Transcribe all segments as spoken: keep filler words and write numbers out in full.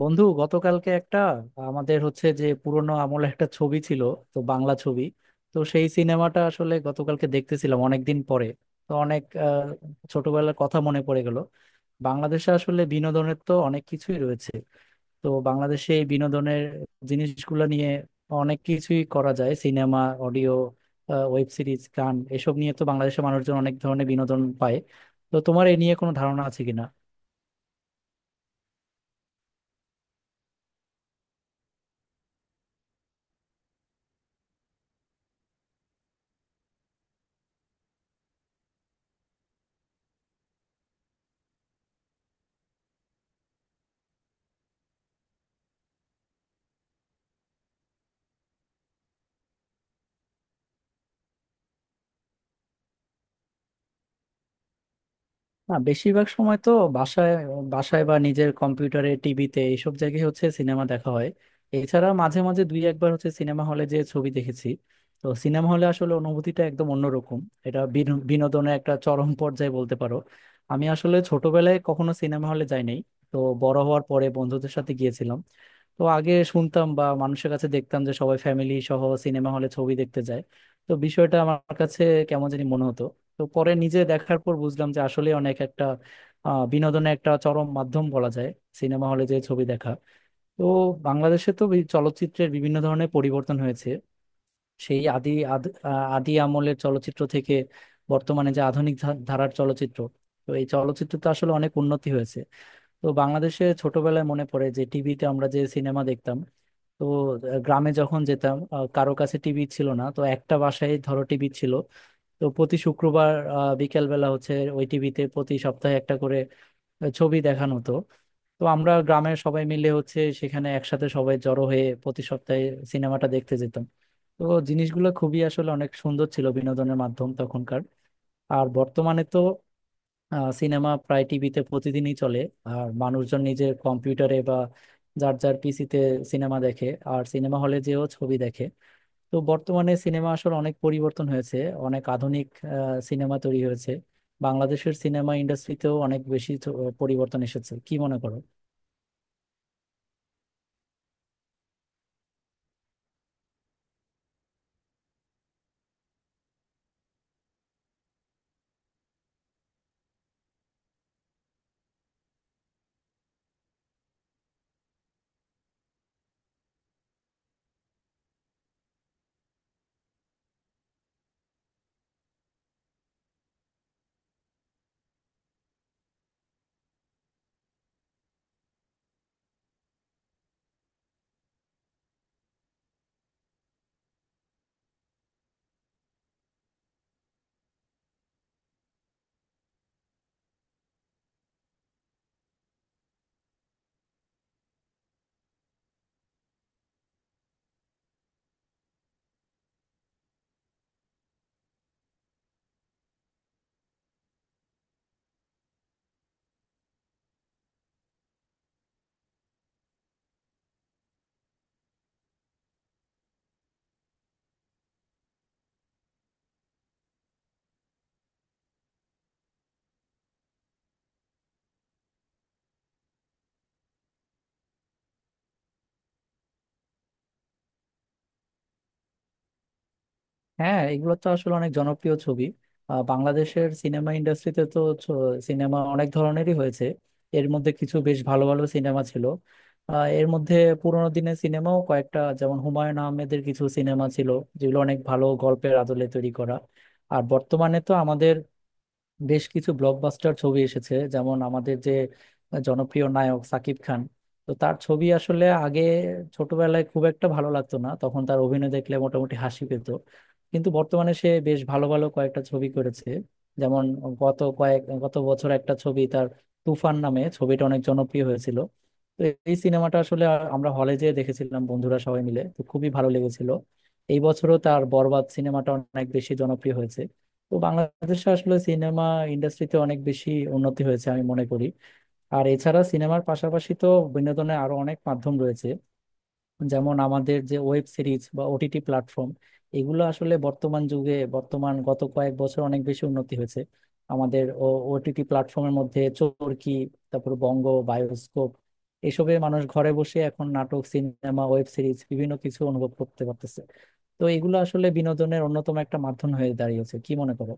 বন্ধু, গতকালকে একটা আমাদের হচ্ছে যে পুরোনো আমলে একটা ছবি ছিল, তো বাংলা ছবি। তো সেই সিনেমাটা আসলে গতকালকে দেখতেছিলাম অনেকদিন পরে। তো অনেক আহ, ছোটবেলার কথা মনে পড়ে গেল। বাংলাদেশে আসলে বিনোদনের তো অনেক কিছুই রয়েছে। তো বাংলাদেশে এই বিনোদনের জিনিসগুলো নিয়ে অনেক কিছুই করা যায়, সিনেমা, অডিও, ওয়েব সিরিজ, গান, এসব নিয়ে তো বাংলাদেশের মানুষজন অনেক ধরনের বিনোদন পায়। তো তোমার এ নিয়ে কোনো ধারণা আছে কিনা? না, বেশিরভাগ সময় তো বাসায় বাসায় বা নিজের কম্পিউটারে, টিভিতে এইসব জায়গায় হচ্ছে সিনেমা দেখা হয়। এছাড়া মাঝে মাঝে দুই একবার হচ্ছে সিনেমা হলে যে ছবি দেখেছি। তো সিনেমা হলে আসলে অনুভূতিটা একদম অন্যরকম। এটা বিনো- বিনোদনের একটা চরম পর্যায়ে বলতে পারো। আমি আসলে ছোটবেলায় কখনো সিনেমা হলে যাই নাই, তো বড় হওয়ার পরে বন্ধুদের সাথে গিয়েছিলাম। তো আগে শুনতাম বা মানুষের কাছে দেখতাম যে সবাই ফ্যামিলি সহ সিনেমা হলে ছবি দেখতে যায়। তো বিষয়টা আমার কাছে কেমন জানি মনে হতো। তো পরে নিজে দেখার পর বুঝলাম যে আসলে অনেক একটা আহ, বিনোদনের একটা চরম মাধ্যম বলা যায় সিনেমা হলে যে ছবি দেখা। তো বাংলাদেশে তো এই চলচ্চিত্রের বিভিন্ন ধরনের পরিবর্তন হয়েছে। সেই আদি আদ- আহ, আদি আমলের চলচ্চিত্র থেকে বর্তমানে যে আধুনিক ধা- ধারার চলচ্চিত্র, তো এই চলচ্চিত্র তো আসলে অনেক উন্নতি হয়েছে। তো বাংলাদেশে ছোটবেলায় মনে পড়ে যে টিভিতে আমরা যে সিনেমা দেখতাম, তো আহ, গ্রামে যখন যেতাম, আহ, কারো কাছে টিভি ছিল না, তো একটা বাসায় ধরো টিভি ছিল, তো প্রতি শুক্রবার আহ, বিকেলবেলা হচ্ছে ওই টিভিতে প্রতি সপ্তাহে একটা করে আহ, ছবি দেখানো হতো। তো আমরা গ্রামের সবাই মিলে হচ্ছে সেখানে একসাথে সবাই জড়ো হয়ে প্রতি সপ্তাহে সিনেমাটা দেখতে যেতাম। তো জিনিসগুলো খুবই আসলে অনেক সুন্দর ছিল, বিনোদনের মাধ্যম তখনকার। আর বর্তমানে তো সিনেমা প্রায় টিভিতে প্রতিদিনই চলে। আর মানুষজন নিজের কম্পিউটারে বা যার যার পিসিতে সিনেমা দেখে, আর সিনেমা হলে যেও ছবি দেখে। তো বর্তমানে সিনেমা আসলে অনেক পরিবর্তন হয়েছে, অনেক আধুনিক সিনেমা তৈরি হয়েছে। বাংলাদেশের সিনেমা ইন্ডাস্ট্রিতেও অনেক বেশি চ- পরিবর্তন এসেছে কি মনে করো? হ্যাঁ, এগুলো তো আসলে অনেক জনপ্রিয় ছবি। আহ, বাংলাদেশের সিনেমা ইন্ডাস্ট্রিতে তো সিনেমা অনেক ধরনেরই হয়েছে। এর মধ্যে কিছু বেশ ভালো ভালো সিনেমা ছিল। আহ, এর মধ্যে পুরোনো দিনের সিনেমাও কয়েকটা, যেমন হুমায়ুন আহমেদের কিছু সিনেমা ছিল, যেগুলো অনেক ভালো গল্পের আদলে তৈরি করা। আর বর্তমানে তো আমাদের বেশ কিছু ব্লকবাস্টার ছবি এসেছে, যেমন আমাদের যে জনপ্রিয় নায়ক সাকিব খান, তো তার ছবি আসলে আগে ছোটবেলায় খুব একটা ভালো লাগতো না, তখন তার অভিনয় দেখলে মোটামুটি হাসি পেত। কিন্তু বর্তমানে সে বেশ ভালো ভালো কয়েকটা ছবি করেছে। যেমন গত কয়েক গত বছর একটা ছবি তার তুফান নামে, ছবিটা অনেক জনপ্রিয় হয়েছিল। তো এই সিনেমাটা আসলে আমরা হলে যেয়ে দেখেছিলাম বন্ধুরা সবাই মিলে, তো খুবই ভালো লেগেছিল। এই বছরও তার বরবাদ সিনেমাটা অনেক বেশি জনপ্রিয় হয়েছে। তো বাংলাদেশে আসলে সিনেমা ইন্ডাস্ট্রিতে অনেক বেশি উন্নতি হয়েছে আমি মনে করি। আর এছাড়া সিনেমার পাশাপাশি তো বিনোদনের আরো অনেক মাধ্যম রয়েছে, যেমন আমাদের যে ওয়েব সিরিজ বা ওটিটি প্ল্যাটফর্ম। এগুলো আসলে বর্তমান যুগে, বর্তমান গত কয়েক বছর অনেক বেশি উন্নতি হয়েছে। আমাদের ওটিটি প্ল্যাটফর্মের মধ্যে চরকি, তারপর বঙ্গ, বায়োস্কোপ, এসবে মানুষ ঘরে বসে এখন নাটক, সিনেমা, ওয়েব সিরিজ বিভিন্ন কিছু অনুভব করতে পারতেছে। তো এগুলো আসলে বিনোদনের অন্যতম একটা মাধ্যম হয়ে দাঁড়িয়েছে কি মনে করো?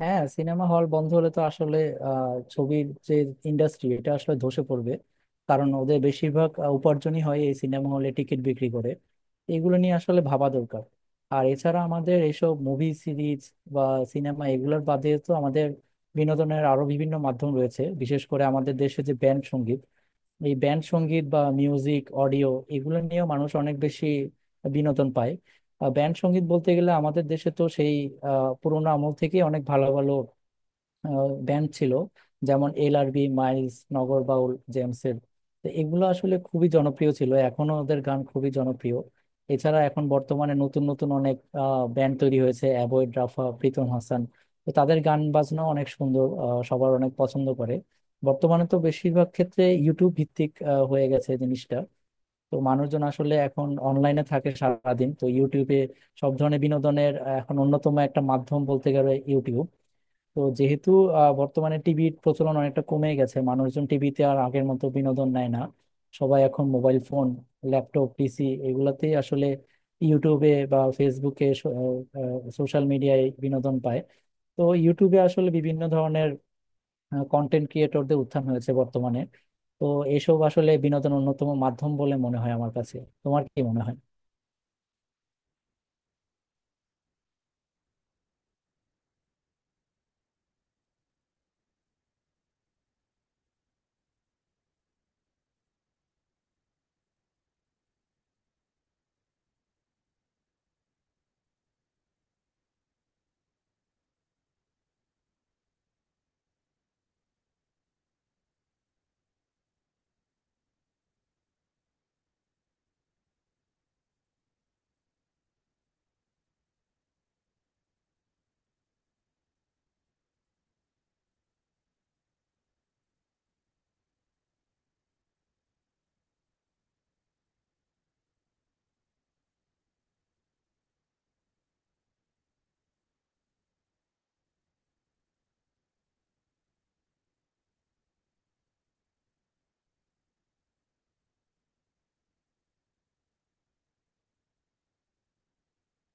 হ্যাঁ, সিনেমা হল বন্ধ হলে তো আসলে আহ, ছবির যে ইন্ডাস্ট্রি, এটা আসলে ধসে পড়বে। কারণ ওদের বেশিরভাগ আহ, উপার্জনই হয় এই সিনেমা হলে টিকিট বিক্রি করে। এগুলো নিয়ে আসলে ভাবা দরকার। আর এছাড়া আমাদের এইসব মুভি সিরিজ বা সিনেমা এগুলোর বাদে তো আমাদের বিনোদনের আরো বিভিন্ন মাধ্যম রয়েছে, বিশেষ করে আমাদের দেশে যে ব্যান্ড সঙ্গীত। এই ব্যান্ড সঙ্গীত বা মিউজিক অডিও, এগুলো নিয়েও মানুষ অনেক বেশি বিনোদন পায়। ব্যান্ড সঙ্গীত বলতে গেলে আমাদের দেশে তো সেই আহ পুরোনো আমল থেকে অনেক ভালো ভালো ব্যান্ড ছিল, যেমন এলআরবি, মাইলস, নগর বাউল জেমসের। তো এগুলো আসলে খুবই জনপ্রিয় ছিল, এখনো ওদের গান খুবই জনপ্রিয়। এছাড়া এখন বর্তমানে নতুন নতুন অনেক ব্যান্ড তৈরি হয়েছে, অ্যাবয়েড, রাফা, প্রীতম হাসান। তো তাদের গান বাজনা অনেক সুন্দর, আহ, সবার অনেক পছন্দ করে। বর্তমানে তো বেশিরভাগ ক্ষেত্রে ইউটিউব ভিত্তিক আহ, হয়ে গেছে জিনিসটা। তো মানুষজন আসলে এখন অনলাইনে থাকে সারাদিন, তো ইউটিউবে সব ধরনের বিনোদনের আহ, এখন অন্যতম একটা মাধ্যম বলতে গেলে ইউটিউব। তো যেহেতু আহ, বর্তমানে টিভির প্রচলন অনেকটা কমে গেছে, মানুষজন টিভিতে আর আগের মতো বিনোদন নেয় না। সবাই এখন মোবাইল ফোন, ল্যাপটপ, পিসি এগুলাতেই আসলে ইউটিউবে বা ফেসবুকে, সোশ্যাল মিডিয়ায় বিনোদন পায়। তো ইউটিউবে আসলে বিভিন্ন ধরনের কন্টেন্ট ক্রিয়েটরদের উত্থান হয়েছে বর্তমানে। তো এসব আসলে বিনোদনের অন্যতম মাধ্যম বলে মনে হয় আমার কাছে। তোমার কি মনে হয়?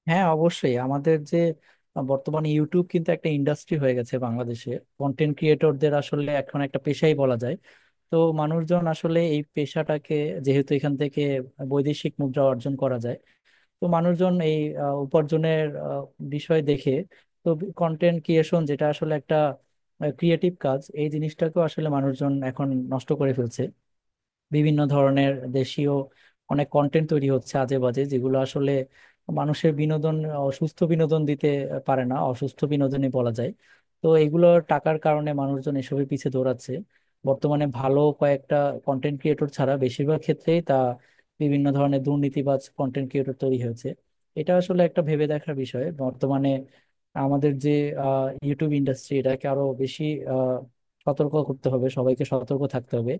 হ্যাঁ অবশ্যই, আমাদের যে বর্তমানে ইউটিউব কিন্তু একটা ইন্ডাস্ট্রি হয়ে গেছে বাংলাদেশে। কন্টেন্ট ক্রিয়েটরদের আসলে এখন একটা পেশাই বলা যায়। তো মানুষজন আসলে এই পেশাটাকে, যেহেতু এখান থেকে বৈদেশিক মুদ্রা অর্জন করা যায়, তো মানুষজন এই আহ, উপার্জনের আহ, বিষয় দেখে। তো কন্টেন্ট ক্রিয়েশন, যেটা আসলে একটা ক্রিয়েটিভ কাজ, এই জিনিসটাকেও আসলে মানুষজন এখন নষ্ট করে ফেলছে। বিভিন্ন ধরনের দেশীয় অনেক কন্টেন্ট তৈরি হচ্ছে আজে বাজে, যেগুলো আসলে মানুষের বিনোদন, আহ, সুস্থ বিনোদন দিতে পারে না, অসুস্থ বিনোদনই বলা যায়। তো এগুলো টাকার কারণে মানুষজন এসবের পিছে দৌড়াচ্ছে। বর্তমানে ভালো কয়েকটা কন্টেন্ট ক্রিয়েটর ছাড়া বেশিরভাগ ক্ষেত্রেই তা বিভিন্ন ধরনের দুর্নীতিবাজ কন্টেন্ট ক্রিয়েটর তৈরি হয়েছে। এটা আসলে একটা ভেবে দেখার বিষয় বর্তমানে। আমাদের যে ইউটিউব ইন্ডাস্ট্রি, এটাকে আরো বেশি আহ, সতর্ক করতে হবে, সবাইকে সতর্ক থাকতে হবে।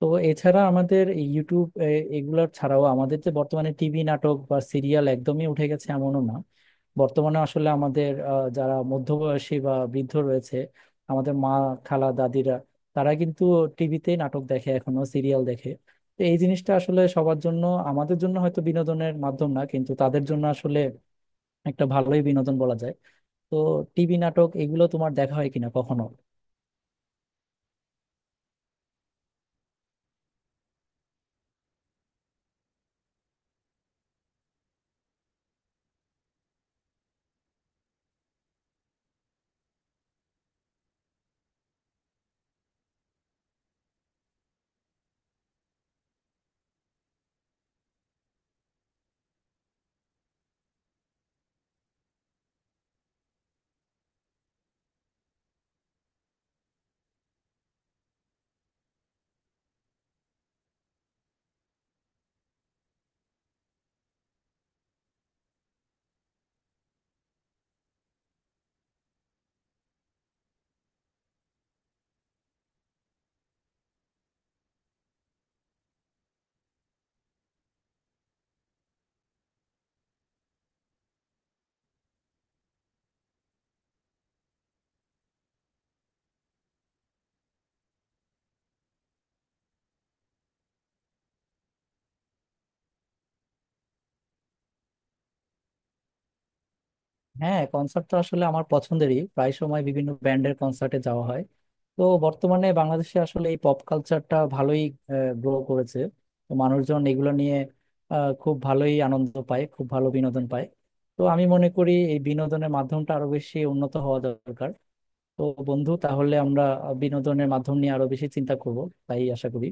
তো এছাড়া আমাদের এই ইউটিউব এ- এগুলার ছাড়াও আমাদের যে বর্তমানে টিভি নাটক বা সিরিয়াল একদমই উঠে গেছে এমনও না। বর্তমানে আসলে আমাদের আহ, যারা মধ্যবয়সী বা বৃদ্ধ রয়েছে, আমাদের মা, খালা, দাদিরা, তারা কিন্তু টিভিতে নাটক দেখে এখনো, সিরিয়াল দেখে। তো এই জিনিসটা আসলে সবার জন্য, আমাদের জন্য হয়তো বিনোদনের মাধ্যম না, কিন্তু তাদের জন্য আসলে একটা ভালোই বিনোদন বলা যায়। তো টিভি নাটক এগুলো তোমার দেখা হয় কিনা কখনো? হ্যাঁ, কনসার্ট তো আসলে আমার পছন্দেরই, প্রায় সময় বিভিন্ন ব্যান্ডের কনসার্টে যাওয়া হয়। তো বর্তমানে বাংলাদেশে আসলে এই পপ কালচারটা ভালোই গ্রো করেছে। তো মানুষজন এগুলো নিয়ে আহ, খুব ভালোই আনন্দ পায়, খুব ভালো বিনোদন পায়। তো আমি মনে করি এই বিনোদনের মাধ্যমটা আরো বেশি উন্নত হওয়া দরকার। তো বন্ধু, তাহলে আমরা আহ, বিনোদনের মাধ্যম নিয়ে আরো বেশি চিন্তা করব তাই আশা করি।